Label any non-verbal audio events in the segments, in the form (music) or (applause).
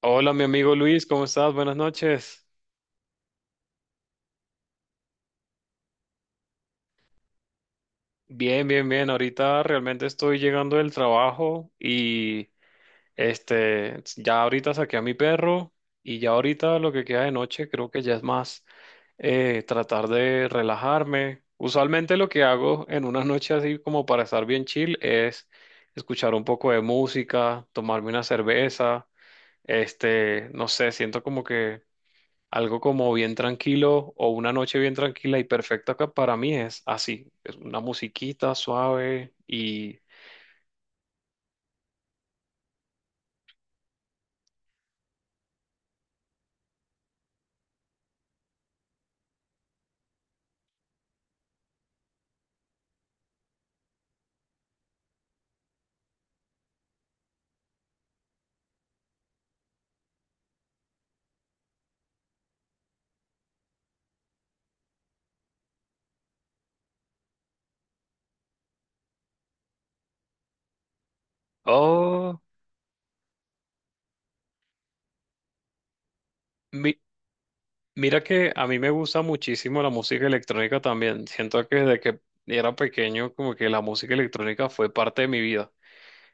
Hola, mi amigo Luis, ¿cómo estás? Buenas noches. Bien, bien, bien. Ahorita realmente estoy llegando del trabajo y ya ahorita saqué a mi perro y ya ahorita lo que queda de noche creo que ya es más tratar de relajarme. Usualmente lo que hago en una noche así como para estar bien chill es escuchar un poco de música, tomarme una cerveza, no sé, siento como que algo como bien tranquilo o una noche bien tranquila y perfecta acá para mí es así, es una musiquita suave y... Oh, mi- mira que a mí me gusta muchísimo la música electrónica también. Siento que desde que era pequeño como que la música electrónica fue parte de mi vida.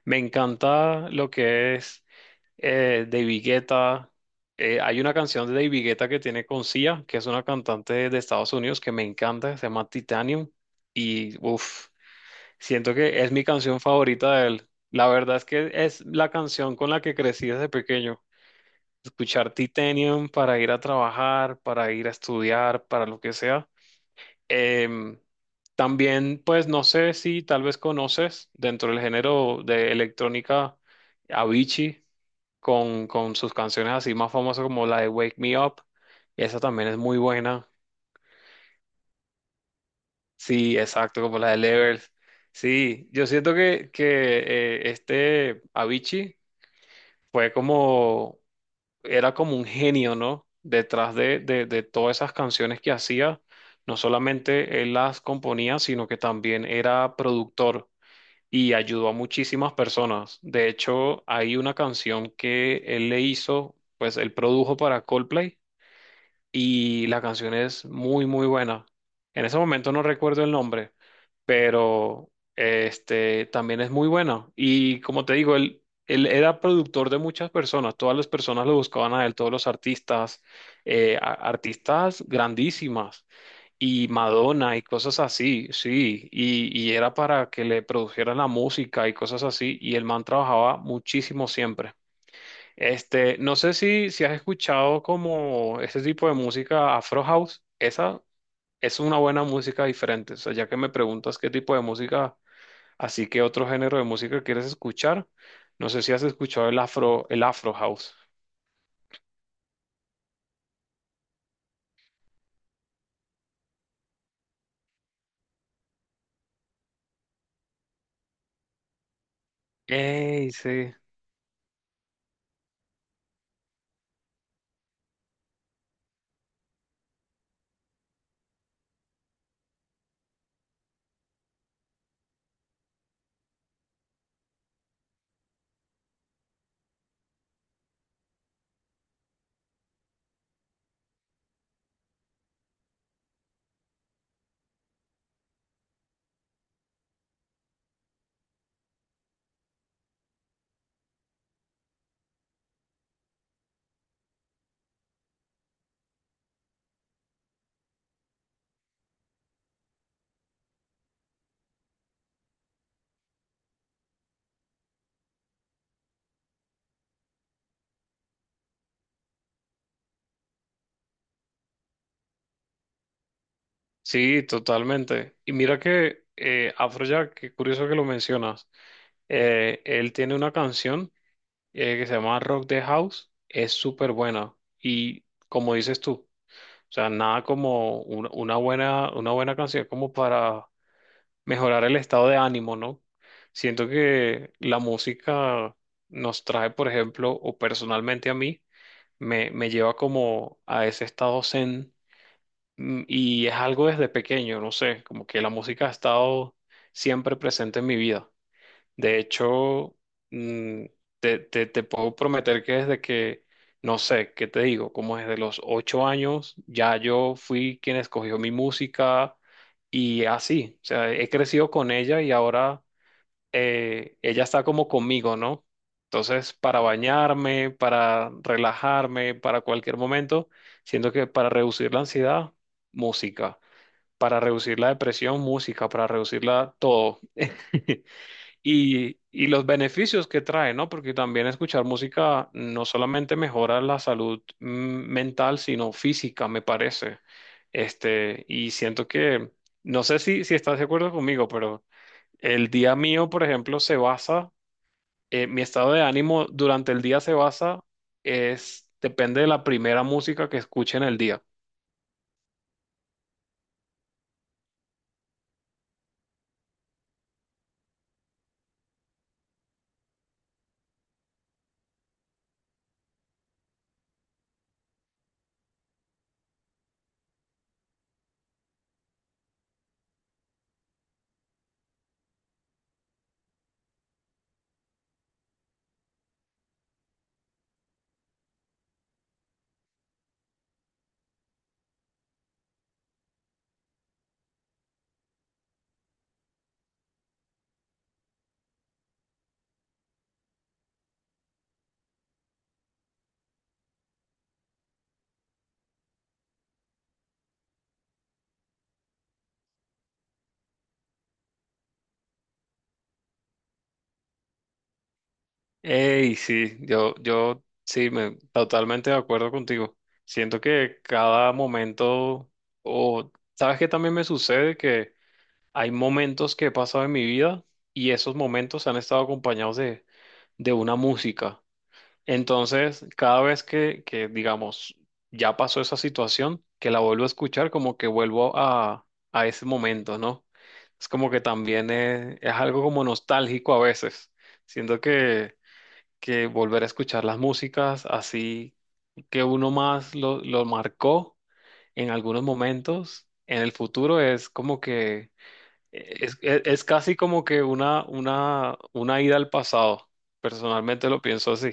Me encanta lo que es David Guetta. Hay una canción de David Guetta que tiene con Sia, que es una cantante de Estados Unidos que me encanta, se llama Titanium y uff. Siento que es mi canción favorita de él. La verdad es que es la canción con la que crecí desde pequeño. Escuchar Titanium para ir a trabajar, para ir a estudiar, para lo que sea. Em, también, pues no sé si tal vez conoces dentro del género de electrónica Avicii con sus canciones así más famosas como la de Wake Me Up. Esa también es muy buena. Sí, exacto, como la de Levels. Sí, yo siento que, que Avicii fue como, era como un genio, ¿no? Detrás de todas esas canciones que hacía, no solamente él las componía, sino que también era productor y ayudó a muchísimas personas. De hecho, hay una canción que él le hizo, pues él produjo para Coldplay y la canción es muy, muy buena. En ese momento no recuerdo el nombre, pero este también es muy buena. Y como te digo, él era productor de muchas personas, todas las personas lo buscaban a él, todos los artistas, artistas grandísimas. Y Madonna y cosas así, sí, y era para que le produjeran la música y cosas así, y el man trabajaba muchísimo siempre. Este, no sé si, si has escuchado como este tipo de música Afro House. Esa es una buena música diferente. O sea, ya que me preguntas qué tipo de música, así que otro género de música quieres escuchar, no sé si has escuchado el Afro House. Ey, sí. Sí, totalmente. Y mira que Afrojack, qué curioso que lo mencionas. Él tiene una canción que se llama Rock the House. Es súper buena. Y como dices tú. O sea, nada como una buena canción como para mejorar el estado de ánimo, ¿no? Siento que la música nos trae, por ejemplo, o personalmente a mí, me lleva como a ese estado zen, y es algo desde pequeño, no sé, como que la música ha estado siempre presente en mi vida. De hecho, mm, te puedo prometer que desde que, no sé, ¿qué te digo? Como desde los 8 años, ya yo fui quien escogió mi música y así, o sea, he crecido con ella y ahora ella está como conmigo, ¿no? Entonces, para bañarme, para relajarme, para cualquier momento, siento que para reducir la ansiedad, música, para reducir la depresión, música, para reducirla todo. (laughs) Y, y los beneficios que trae, ¿no? Porque también escuchar música no solamente mejora la salud mental, sino física, me parece. Este, y siento que, no sé si, si estás de acuerdo conmigo, pero el día mío, por ejemplo, se basa, mi estado de ánimo durante el día se basa, es, depende de la primera música que escuche en el día. Ey, sí, yo sí, me, totalmente de acuerdo contigo. Siento que cada momento, o sabes que también me sucede que hay momentos que he pasado en mi vida y esos momentos han estado acompañados de una música. Entonces, cada vez que, digamos, ya pasó esa situación, que la vuelvo a escuchar, como que vuelvo a ese momento, ¿no? Es como que también es algo como nostálgico a veces. Siento que volver a escuchar las músicas así que uno más lo marcó en algunos momentos en el futuro es como que es, es casi como que una ida al pasado. Personalmente lo pienso así.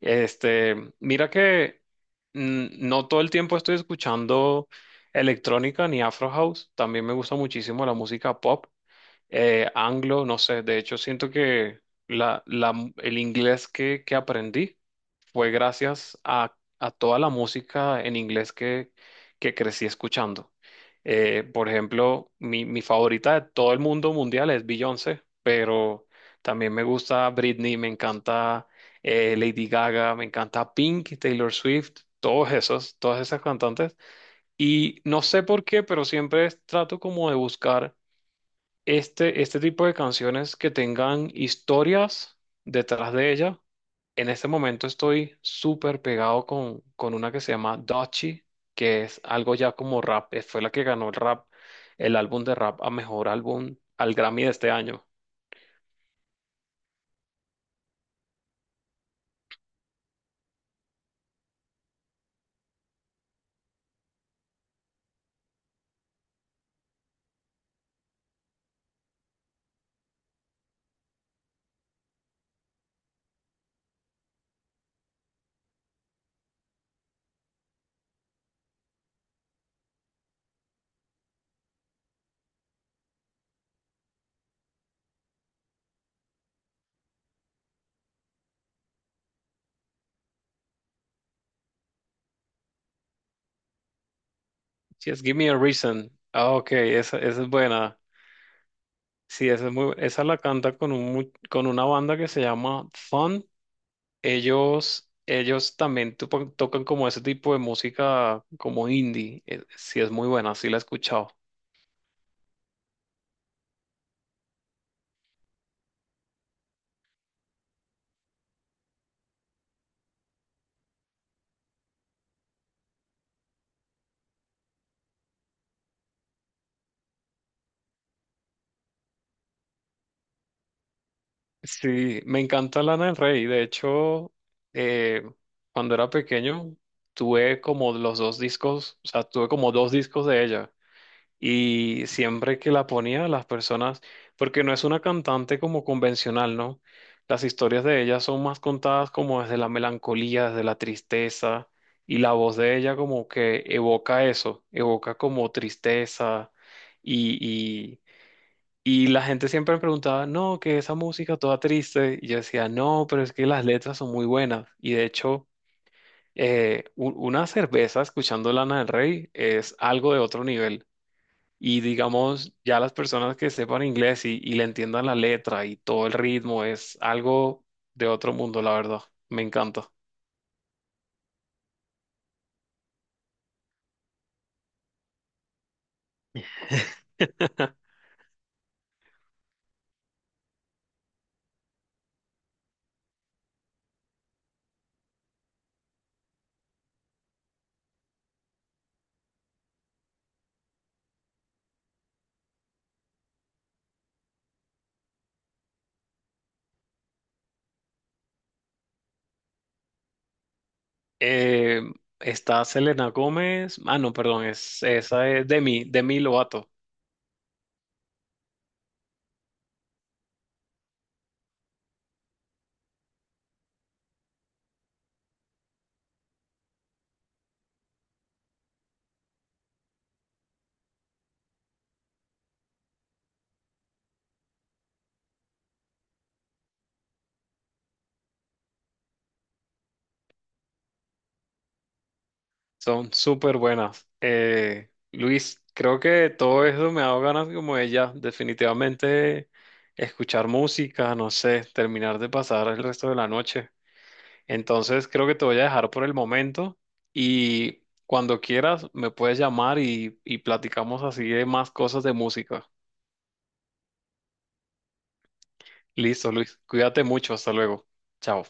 Este, mira que no todo el tiempo estoy escuchando electrónica ni Afro House. También me gusta muchísimo la música pop, anglo, no sé. De hecho, siento que el inglés que aprendí fue gracias a toda la música en inglés que crecí escuchando. Por ejemplo, mi favorita de todo el mundo mundial es Beyoncé, pero también me gusta Britney, me encanta Lady Gaga, me encanta Pink, Taylor Swift, todos esos, todas esas cantantes. Y no sé por qué, pero siempre trato como de buscar este tipo de canciones que tengan historias detrás de ella. En este momento estoy súper pegado con una que se llama Dochi, que es algo ya como rap. Fue la que ganó el rap, el álbum de rap a mejor álbum al Grammy de este año. Sí, es Give Me a Reason. Ah, ok, esa es buena. Sí, esa es muy, esa la canta con un, con una banda que se llama Fun. Ellos también tocan como ese tipo de música como indie. Sí, es muy buena, sí la he escuchado. Sí, me encanta Lana del Rey. De hecho, eh, cuando era pequeño, tuve como los dos discos, o sea, tuve como dos discos de ella. Y siempre que la ponía, las personas, porque no es una cantante como convencional, ¿no? Las historias de ella son más contadas como desde la melancolía, desde la tristeza, y la voz de ella como que evoca eso, evoca como tristeza y la gente siempre me preguntaba, no, que esa música toda triste. Y yo decía, no, pero es que las letras son muy buenas. Y de hecho, una cerveza escuchando Lana del Rey es algo de otro nivel. Y digamos, ya las personas que sepan inglés y le entiendan la letra y todo el ritmo es algo de otro mundo, la verdad. Me encanta. (laughs) Eh, está Selena Gómez. Ah, no, perdón, es, esa es Demi, Demi Lovato. Son súper buenas. Luis, creo que todo eso me ha dado ganas como ella, definitivamente escuchar música, no sé, terminar de pasar el resto de la noche. Entonces creo que te voy a dejar por el momento y cuando quieras me puedes llamar y platicamos así de más cosas de música. Listo, Luis, cuídate mucho, hasta luego. Chao.